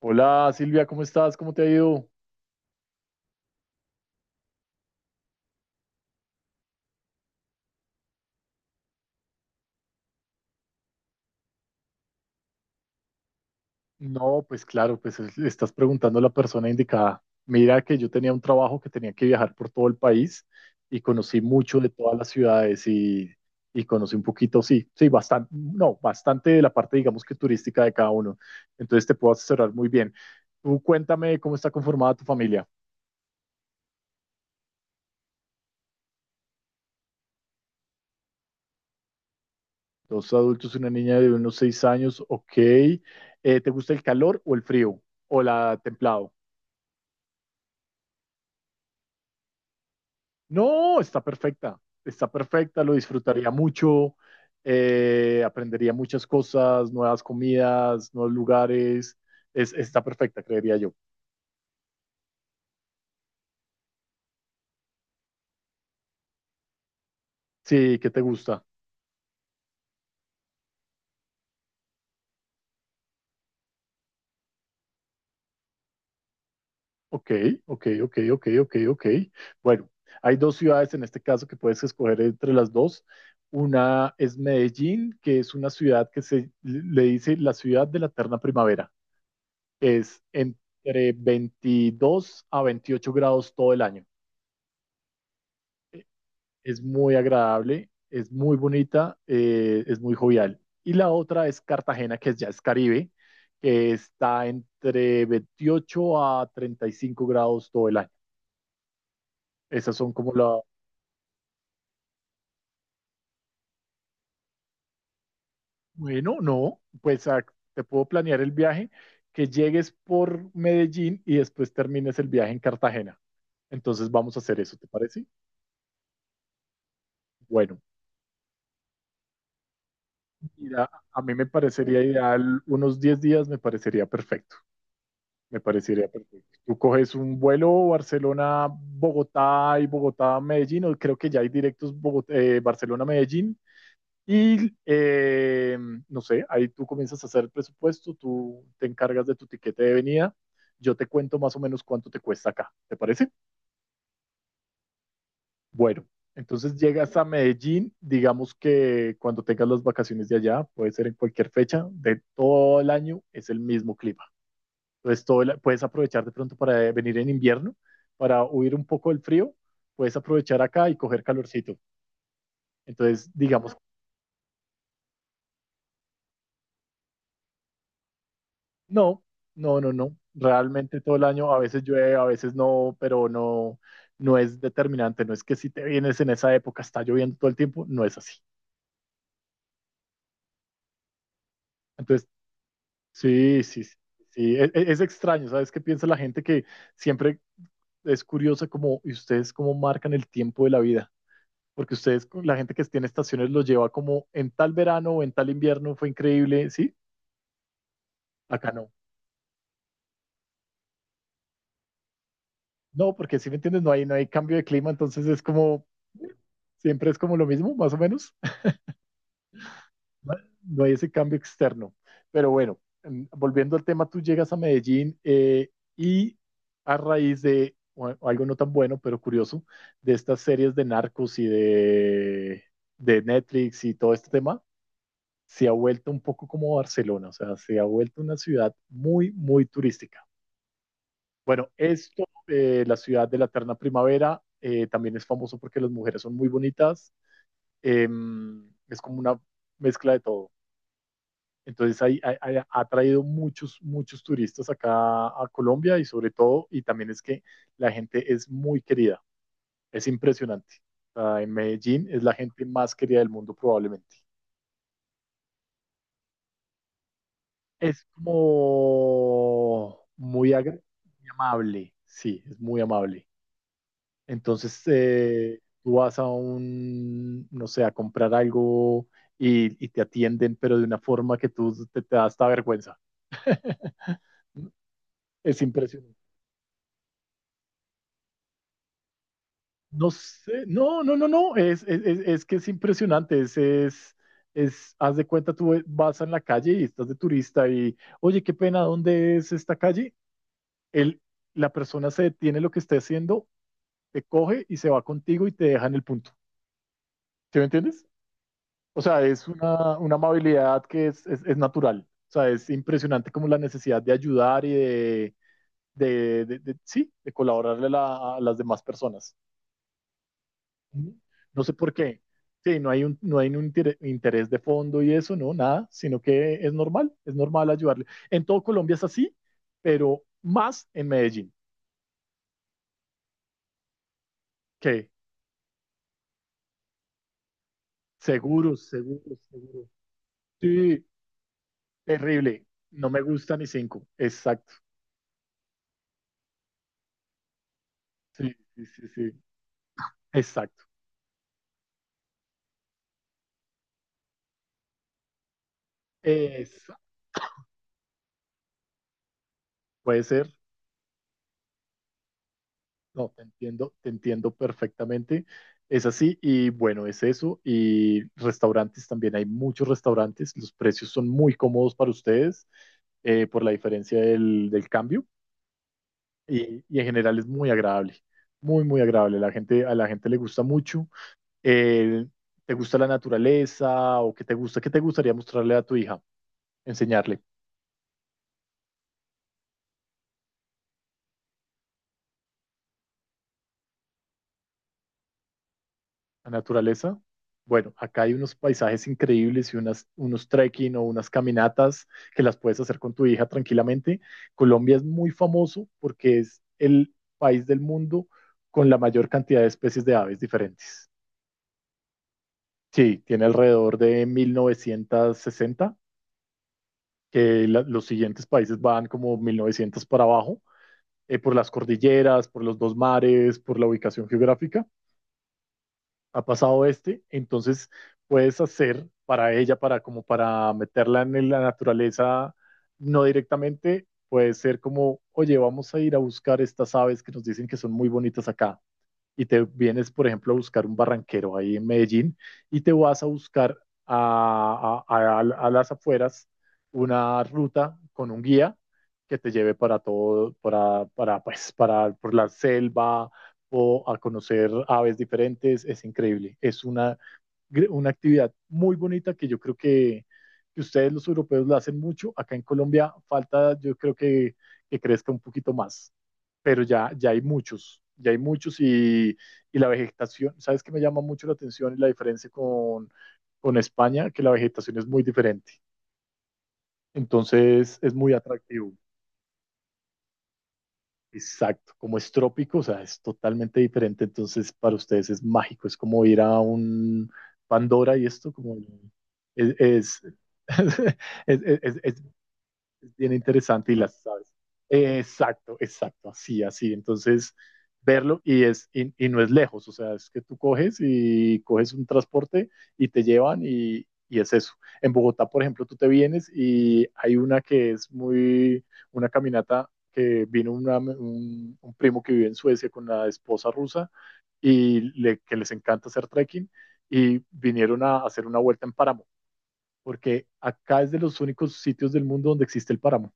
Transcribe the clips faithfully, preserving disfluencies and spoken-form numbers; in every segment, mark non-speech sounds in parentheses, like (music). Hola Silvia, ¿cómo estás? ¿Cómo te ha ido? No, pues claro, pues es- le estás preguntando a la persona indicada. Mira que yo tenía un trabajo que tenía que viajar por todo el país y conocí mucho de todas las ciudades y, y conocí un poquito, sí, sí, bastante, no, bastante de la parte, digamos que turística de cada uno. Entonces te puedo asesorar muy bien. Tú cuéntame cómo está conformada tu familia. Dos adultos y una niña de unos seis años, ok. Eh, ¿te gusta el calor o el frío? ¿O la templado? No, está perfecta, está perfecta, lo disfrutaría mucho, eh, aprendería muchas cosas, nuevas comidas, nuevos lugares, es, está perfecta, creería yo. Sí, ¿qué te gusta? Ok, ok, ok, ok, ok, ok. Bueno, hay dos ciudades en este caso que puedes escoger entre las dos. Una es Medellín, que es una ciudad que se le dice la ciudad de la eterna primavera, es entre veintidós a veintiocho grados todo el año. Es muy agradable, es muy bonita, eh, es muy jovial. Y la otra es Cartagena, que es- ya es Caribe, que está entre veintiocho a treinta y cinco grados todo el año. Esas son como la. Bueno, no, pues ah, te puedo planear el viaje, que llegues por Medellín y después termines el viaje en Cartagena. Entonces vamos a hacer eso, ¿te parece? Bueno, mira, a mí me parecería ideal, unos diez días me parecería perfecto. Me parecería perfecto. Tú coges un vuelo Barcelona-Bogotá y Bogotá-Medellín, o creo que ya hay directos Bogot- eh, Barcelona-Medellín. Y eh, no sé, ahí tú comienzas a hacer el presupuesto, tú te encargas de tu tiquete de venida. Yo te cuento más o menos cuánto te cuesta acá, ¿te parece? Bueno, entonces llegas a Medellín, digamos que cuando tengas las vacaciones de allá, puede ser en cualquier fecha de todo el año, es el mismo clima. Entonces, todo el- puedes aprovechar de pronto para eh, venir en invierno, para huir un poco del frío, puedes aprovechar acá y coger calorcito. Entonces, digamos, no, no, no, no. Realmente todo el año, a veces llueve, a veces no, pero no, no es determinante. No es que si te vienes en esa época está lloviendo todo el tiempo, no es así. Entonces, sí, sí, sí. Sí. E- e- es extraño. ¿Sabes qué piensa la gente? Que siempre es curiosa como, ¿y ustedes cómo marcan el tiempo de la vida? Porque ustedes, la gente que tiene estaciones los lleva como en tal verano o en tal invierno, fue increíble, ¿sí? Acá no. No, porque si me entiendes, no hay, no hay, cambio de clima, entonces es como, siempre es como lo mismo, más o menos. (laughs) No, no hay ese cambio externo. Pero bueno, mm, volviendo al tema, tú llegas a Medellín eh, y a raíz de bueno, algo no tan bueno, pero curioso, de estas series de narcos y de, de Netflix y todo este tema, se ha vuelto un poco como Barcelona, o sea, se ha vuelto una ciudad muy, muy turística. Bueno, esto, eh, la ciudad de la eterna primavera, eh, también es famoso porque las mujeres son muy bonitas, eh, es como una mezcla de todo. Entonces hay- hay- hay- ha traído muchos, muchos turistas acá a Colombia y sobre todo, y también es que la gente es muy querida, es impresionante. O sea, en Medellín es la gente más querida del mundo probablemente. Es como muy agra- muy amable, sí, es muy amable. Entonces, eh, tú vas a un, no sé, a comprar algo y, y te atienden, pero de una forma que tú te, te da hasta vergüenza. (laughs) Es impresionante. No sé, no, no, no, no, es, es, es- es que es impresionante, es, es, es, haz de cuenta, tú vas en la calle y estás de turista y, oye, qué pena, ¿dónde es esta calle? él, la persona se detiene lo que esté haciendo, te coge y se va contigo y te deja en el punto. ¿Sí me entiendes? O sea, es una, una amabilidad que es, es, es natural. O sea, es impresionante como la necesidad de ayudar y de, de, de- de- sí, de colaborarle a, la- a las demás personas. Ujú. No sé por qué. Sí, no hay un, no hay un intere- interés de fondo y eso, no, nada, sino que es normal, es normal ayudarle. En todo Colombia es así, pero más en Medellín, que seguros, seguros, seguros. Sí, terrible. No me gusta ni cinco. Exacto. Sí, sí, sí, sí. Exacto. Esa. Puede ser. No, te entiendo, te entiendo perfectamente. Es así y bueno, es eso. Y restaurantes también. Hay muchos restaurantes. Los precios son muy cómodos para ustedes eh, por la diferencia del, del cambio. Y, y en general es muy agradable. Muy, muy agradable. La gente, a la gente le gusta mucho. Eh, ¿Te gusta la naturaleza o qué te gusta? ¿Qué te gustaría mostrarle a tu hija, enseñarle a naturaleza? Bueno, acá hay unos paisajes increíbles y unas, unos trekking o unas caminatas que las puedes hacer con tu hija tranquilamente. Colombia es muy famoso porque es el país del mundo con la mayor cantidad de especies de aves diferentes. Sí, tiene alrededor de mil novecientos sesenta, que la- los siguientes países van como mil novecientos para abajo, eh, por las cordilleras, por los dos mares, por la ubicación geográfica. Ha pasado este, entonces puedes hacer para ella, para como para meterla en la naturaleza, no directamente, puede ser como, oye, vamos a ir a buscar estas aves que nos dicen que son muy bonitas acá y te vienes, por ejemplo, a buscar un barranquero ahí en Medellín y te vas a buscar a, a- a- a las afueras, una ruta con un guía que te lleve para todo, para, para, pues, para por la selva o a conocer aves diferentes. Es increíble. Es una, gr- una actividad muy bonita que yo creo que, que ustedes los europeos la hacen mucho. Acá en Colombia falta, yo creo que, que crezca un poquito más, pero ya, ya hay muchos, ya hay muchos y, y la vegetación. ¿Sabes qué me llama mucho la atención y la diferencia con, con España? Que la vegetación es muy diferente. Entonces es muy atractivo. Exacto, como es trópico, o sea, es totalmente diferente, entonces para ustedes es mágico, es como ir a un Pandora y esto como es, es, (laughs) es, es- es- es es bien interesante y las sabes. Eh, exacto, exacto, así, así. Entonces, verlo y, es, y, y no es lejos, o sea, es que tú coges y coges un transporte y te llevan y, y es eso. En Bogotá, por ejemplo, tú te vienes y hay una que es muy, una caminata que vino una- un, un primo que vive en Suecia con la esposa rusa y le, que les encanta hacer trekking y vinieron a hacer una vuelta en páramo, porque acá es de los únicos sitios del mundo donde existe el páramo.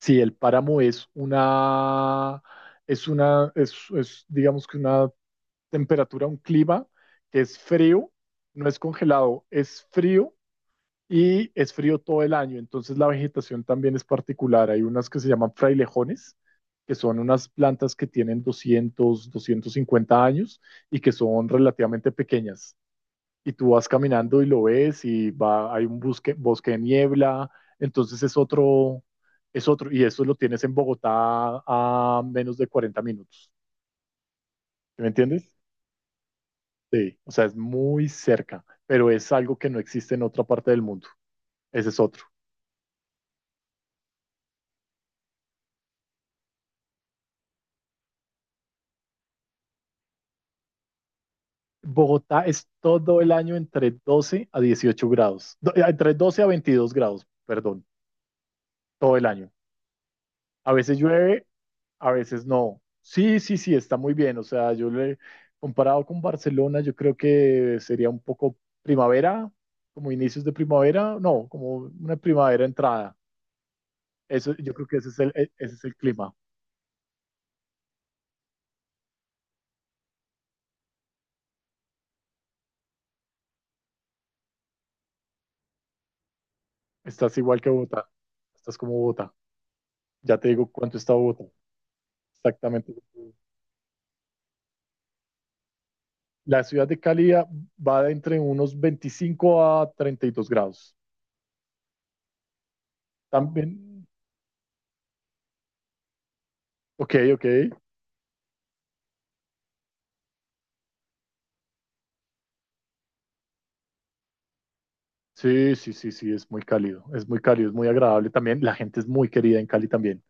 Sí, el páramo es una, es una, es, es, digamos que una temperatura, un clima que es frío, no es congelado, es frío y es frío todo el año. Entonces la vegetación también es particular. Hay unas que se llaman frailejones, que son unas plantas que tienen doscientos doscientos cincuenta años y que son relativamente pequeñas y tú vas caminando y lo ves y va, hay un busque- bosque de niebla, entonces es otro, es otro, y eso lo tienes en Bogotá a menos de cuarenta minutos, ¿sí, me entiendes? Sí, o sea, es muy cerca, pero es algo que no existe en otra parte del mundo, ese es otro. Bogotá es todo el año entre doce a dieciocho grados, do- eh, entre doce a veintidós grados, perdón, todo el año. A veces llueve, a veces no. Sí, sí, sí, está muy bien. O sea, yo le comparado con Barcelona, yo creo que sería un poco primavera, como inicios de primavera, no, como una primavera entrada. Eso, yo creo que ese es el, e- ese es el clima. Estás igual que Bogotá. Estás como Bogotá. Ya te digo cuánto está Bogotá. Exactamente. La ciudad de Cali va de entre unos veinticinco a treinta y dos grados. También, ok, ok. Sí, sí, sí, sí, es muy cálido, es muy cálido, es muy agradable también. La gente es muy querida en Cali también.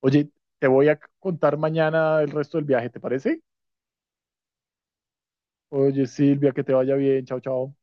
Oye, te voy a contar mañana el resto del viaje, ¿te parece? Oye, Silvia, que te vaya bien, chao, chao.